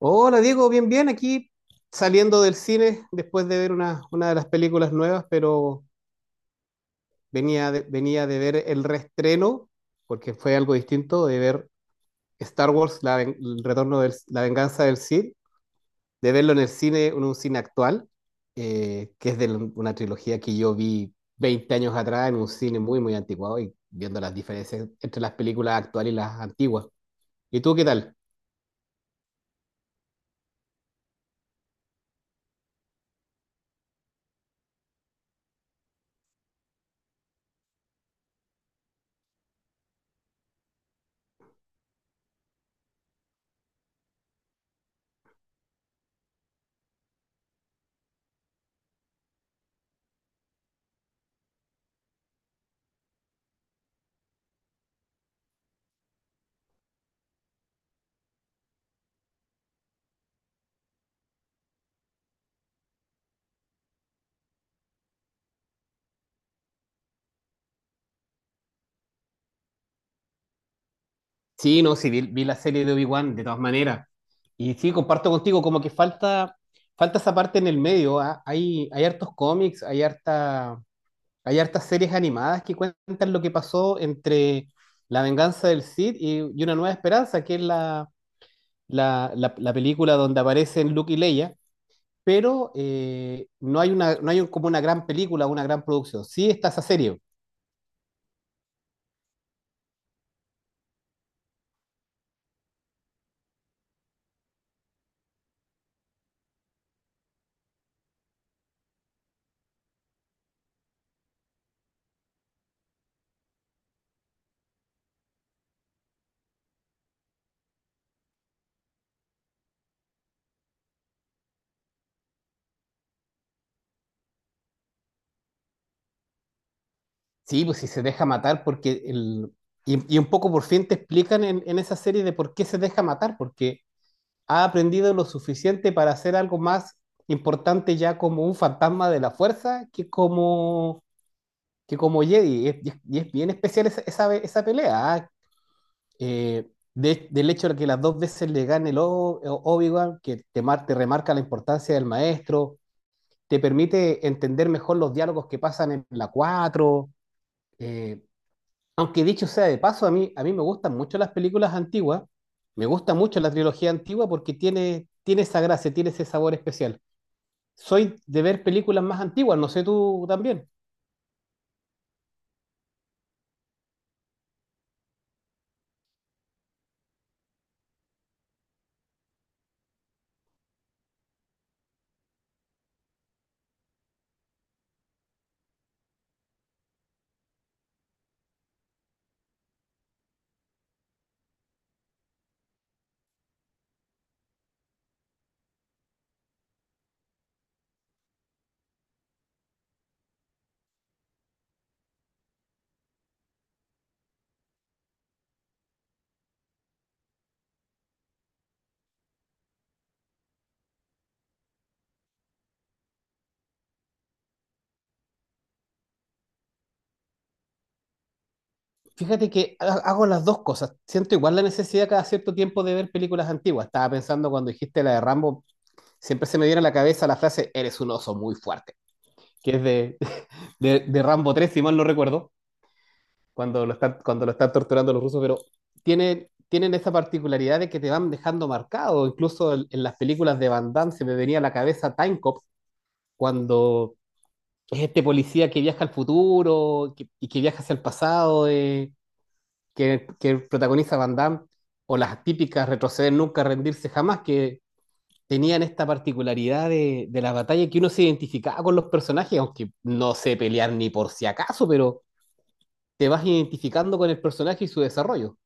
Hola Diego, bien, bien, aquí saliendo del cine después de ver una de las películas nuevas, pero venía de ver el reestreno, porque fue algo distinto, de ver Star Wars, el retorno de la venganza del Sith, de verlo en el cine, en un cine actual, que es una trilogía que yo vi 20 años atrás en un cine muy, muy anticuado, y viendo las diferencias entre las películas actuales y las antiguas. ¿Y tú qué tal? Sí, no, sí, vi la serie de Obi-Wan de todas maneras. Y sí, comparto contigo, como que falta, falta esa parte en el medio. Hay, hay hartos cómics, hay harta, hay hartas series animadas que cuentan lo que pasó entre La venganza del Sith y Una nueva esperanza, que es la película donde aparecen Luke y Leia. Pero no hay una, no hay un- como una gran película, una gran producción. Sí está esa serie. Sí, pues si se deja matar, porque y un poco por fin te explican en esa serie de por qué se deja matar, porque ha aprendido lo suficiente para hacer algo más importante ya como un fantasma de la fuerza que que como Jedi. Y es, y es bien especial esa pelea. ¿Ah? Eh, del hecho de que las dos veces le gane Obi-Wan, que te remarca la importancia del maestro, te permite entender mejor los diálogos que pasan en la cuatro. eh, Aunque dicho sea de paso, a mí me gustan mucho las películas antiguas, me gusta mucho la trilogía antigua porque tiene, tiene esa gracia, tiene ese sabor especial. Soy de ver películas más antiguas, no sé tú también. Fíjate que hago las dos cosas. Siento igual la necesidad cada cierto tiempo de ver películas antiguas. Estaba pensando cuando dijiste la de Rambo, siempre se me viene a la cabeza la frase, eres un oso muy fuerte, que es de, de Rambo tres, si mal no recuerdo. Cuando lo están torturando los rusos, pero tienen, tienen esa particularidad de que te van dejando marcado. Incluso en las películas de Van Damme se me venía a la cabeza Time Cop, cuando es este policía que viaja al futuro y que viaja hacia el pasado, que protagoniza Van Damme, o las típicas retroceder nunca, rendirse jamás, que tenían esta particularidad de la batalla, que uno se identificaba con los personajes, aunque no sé pelear ni por si acaso, pero te vas identificando con el personaje y su desarrollo.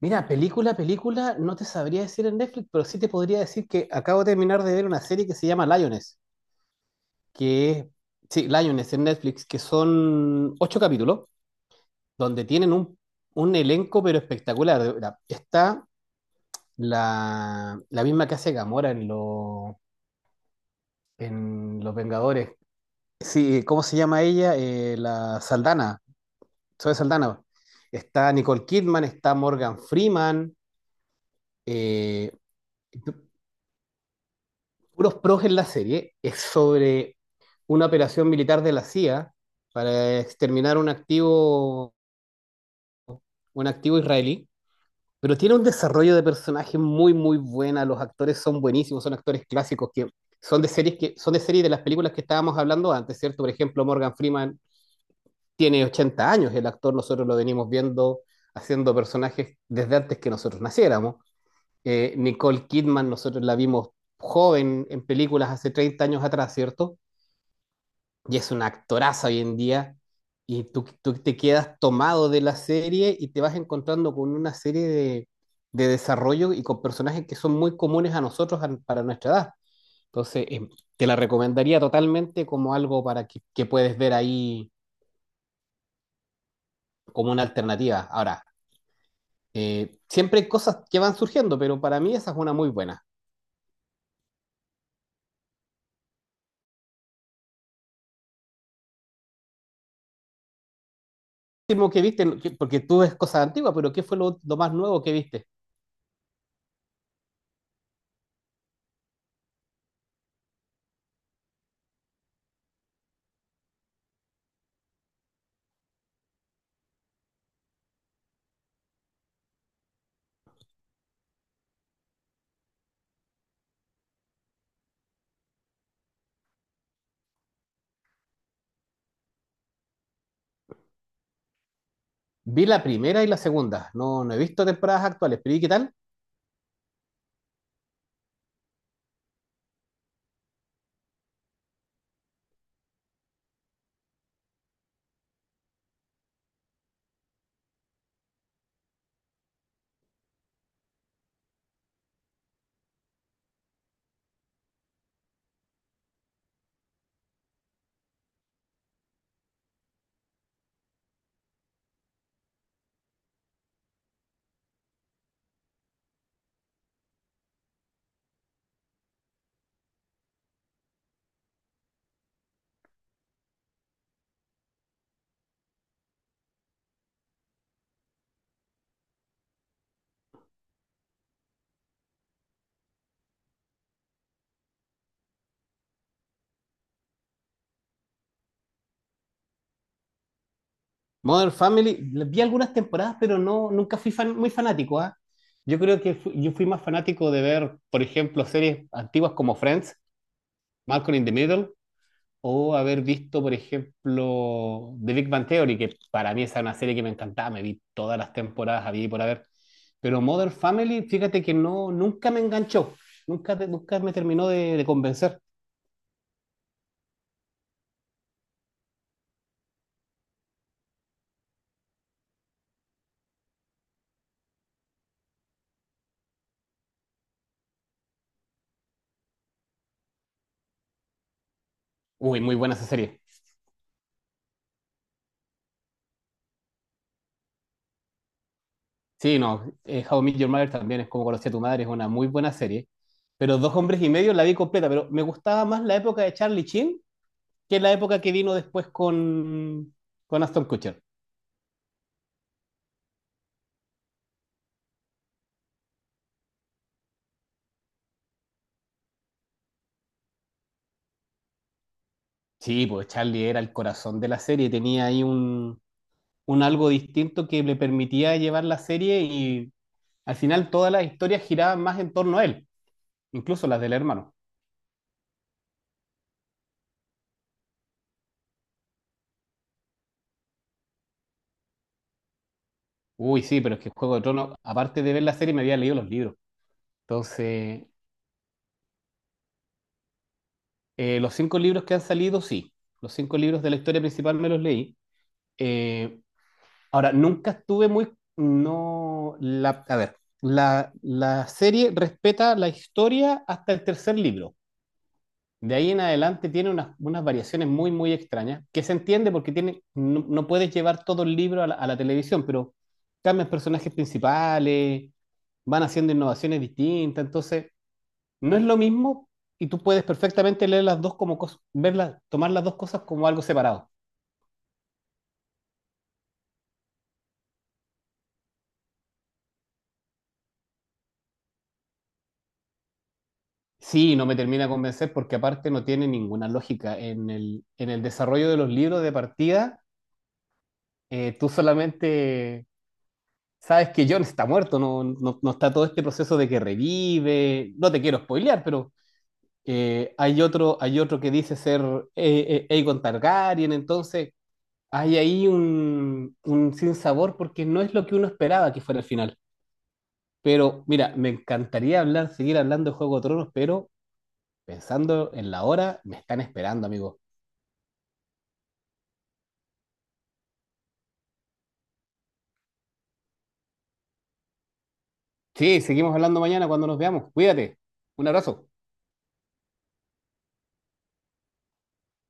Mira, película, película, no te sabría decir en Netflix, pero sí te podría decir que acabo de terminar de ver una serie que se llama Lioness, que es, sí, Lioness en Netflix, que son 8 capítulos, donde tienen un elenco pero espectacular. De verdad. Está la, la misma que hace Gamora en, en Los Vengadores. Sí, ¿cómo se llama ella? La Saldana, Zoe Saldana. Está Nicole Kidman, está Morgan Freeman. eh, Puros pros en la serie. Es sobre una operación militar de la CIA para exterminar un activo israelí, pero tiene un desarrollo de personaje muy, muy buena, los actores son buenísimos, son actores clásicos, que son de series, que son de series, de las películas que estábamos hablando antes, ¿cierto? Por ejemplo, Morgan Freeman tiene 80 años, el actor, nosotros lo venimos viendo haciendo personajes desde antes que nosotros naciéramos. Nicole Kidman nosotros la vimos joven en películas hace 30 años atrás, ¿cierto? Y es una actoraza hoy en día, y tú te quedas tomado de la serie y te vas encontrando con una serie de desarrollo y con personajes que son muy comunes a nosotros para nuestra edad. Entonces, te la recomendaría totalmente como algo para que puedes ver ahí como una alternativa. Ahora, siempre hay cosas que van surgiendo, pero para mí esa es una muy buena. Último que viste, porque tú ves cosas antiguas, pero ¿qué fue lo más nuevo que viste? Vi la primera y la segunda, no, no he visto temporadas actuales, pero ¿y qué tal? Modern Family, vi algunas temporadas, pero no, nunca muy fanático, ¿ah? Yo creo que yo fui más fanático de ver, por ejemplo, series antiguas como Friends, Malcolm in the Middle, o haber visto, por ejemplo, The Big Bang Theory, que para mí esa era una serie que me encantaba, me vi todas las temporadas, había y por haber. Pero Modern Family, fíjate que no, nunca me enganchó, nunca, nunca me terminó de convencer. Uy, muy buena esa serie. Sí, no, How I Met Your Mother, también es como conocí a tu madre, es una muy buena serie. Pero Dos Hombres y Medio la vi completa, pero me gustaba más la época de Charlie Sheen que la época que vino después con Aston Kutcher. Sí, pues Charlie era el corazón de la serie, tenía ahí un algo distinto que le permitía llevar la serie, y al final todas las historias giraban más en torno a él, incluso las del hermano. Uy, sí, pero es que Juego de Tronos, aparte de ver la serie, me había leído los libros. Entonces, los 5 libros que han salido, sí. Los cinco libros de la historia principal me los leí. Eh, Ahora, nunca estuve muy... No, a ver, la serie respeta la historia hasta el tercer libro. De ahí en adelante tiene unas, unas variaciones muy, muy extrañas, que se entiende porque tiene, no, no puedes llevar todo el libro a a la televisión, pero cambian personajes principales, van haciendo innovaciones distintas, entonces no es lo mismo, y tú puedes perfectamente leer las dos como cosas, verlas, tomar las dos cosas como algo separado. Sí, no me termina de convencer porque aparte no tiene ninguna lógica. En el desarrollo de los libros de partida, tú solamente sabes que John está muerto, no, no, no está todo este proceso de que revive. No te quiero spoilear, pero hay otro que dice ser Aegon Targaryen, entonces hay ahí un sinsabor porque no es lo que uno esperaba que fuera el final. Pero mira, me encantaría hablar, seguir hablando de Juego de Tronos, pero pensando en la hora, me están esperando, amigo. Sí, seguimos hablando mañana cuando nos veamos. Cuídate. Un abrazo.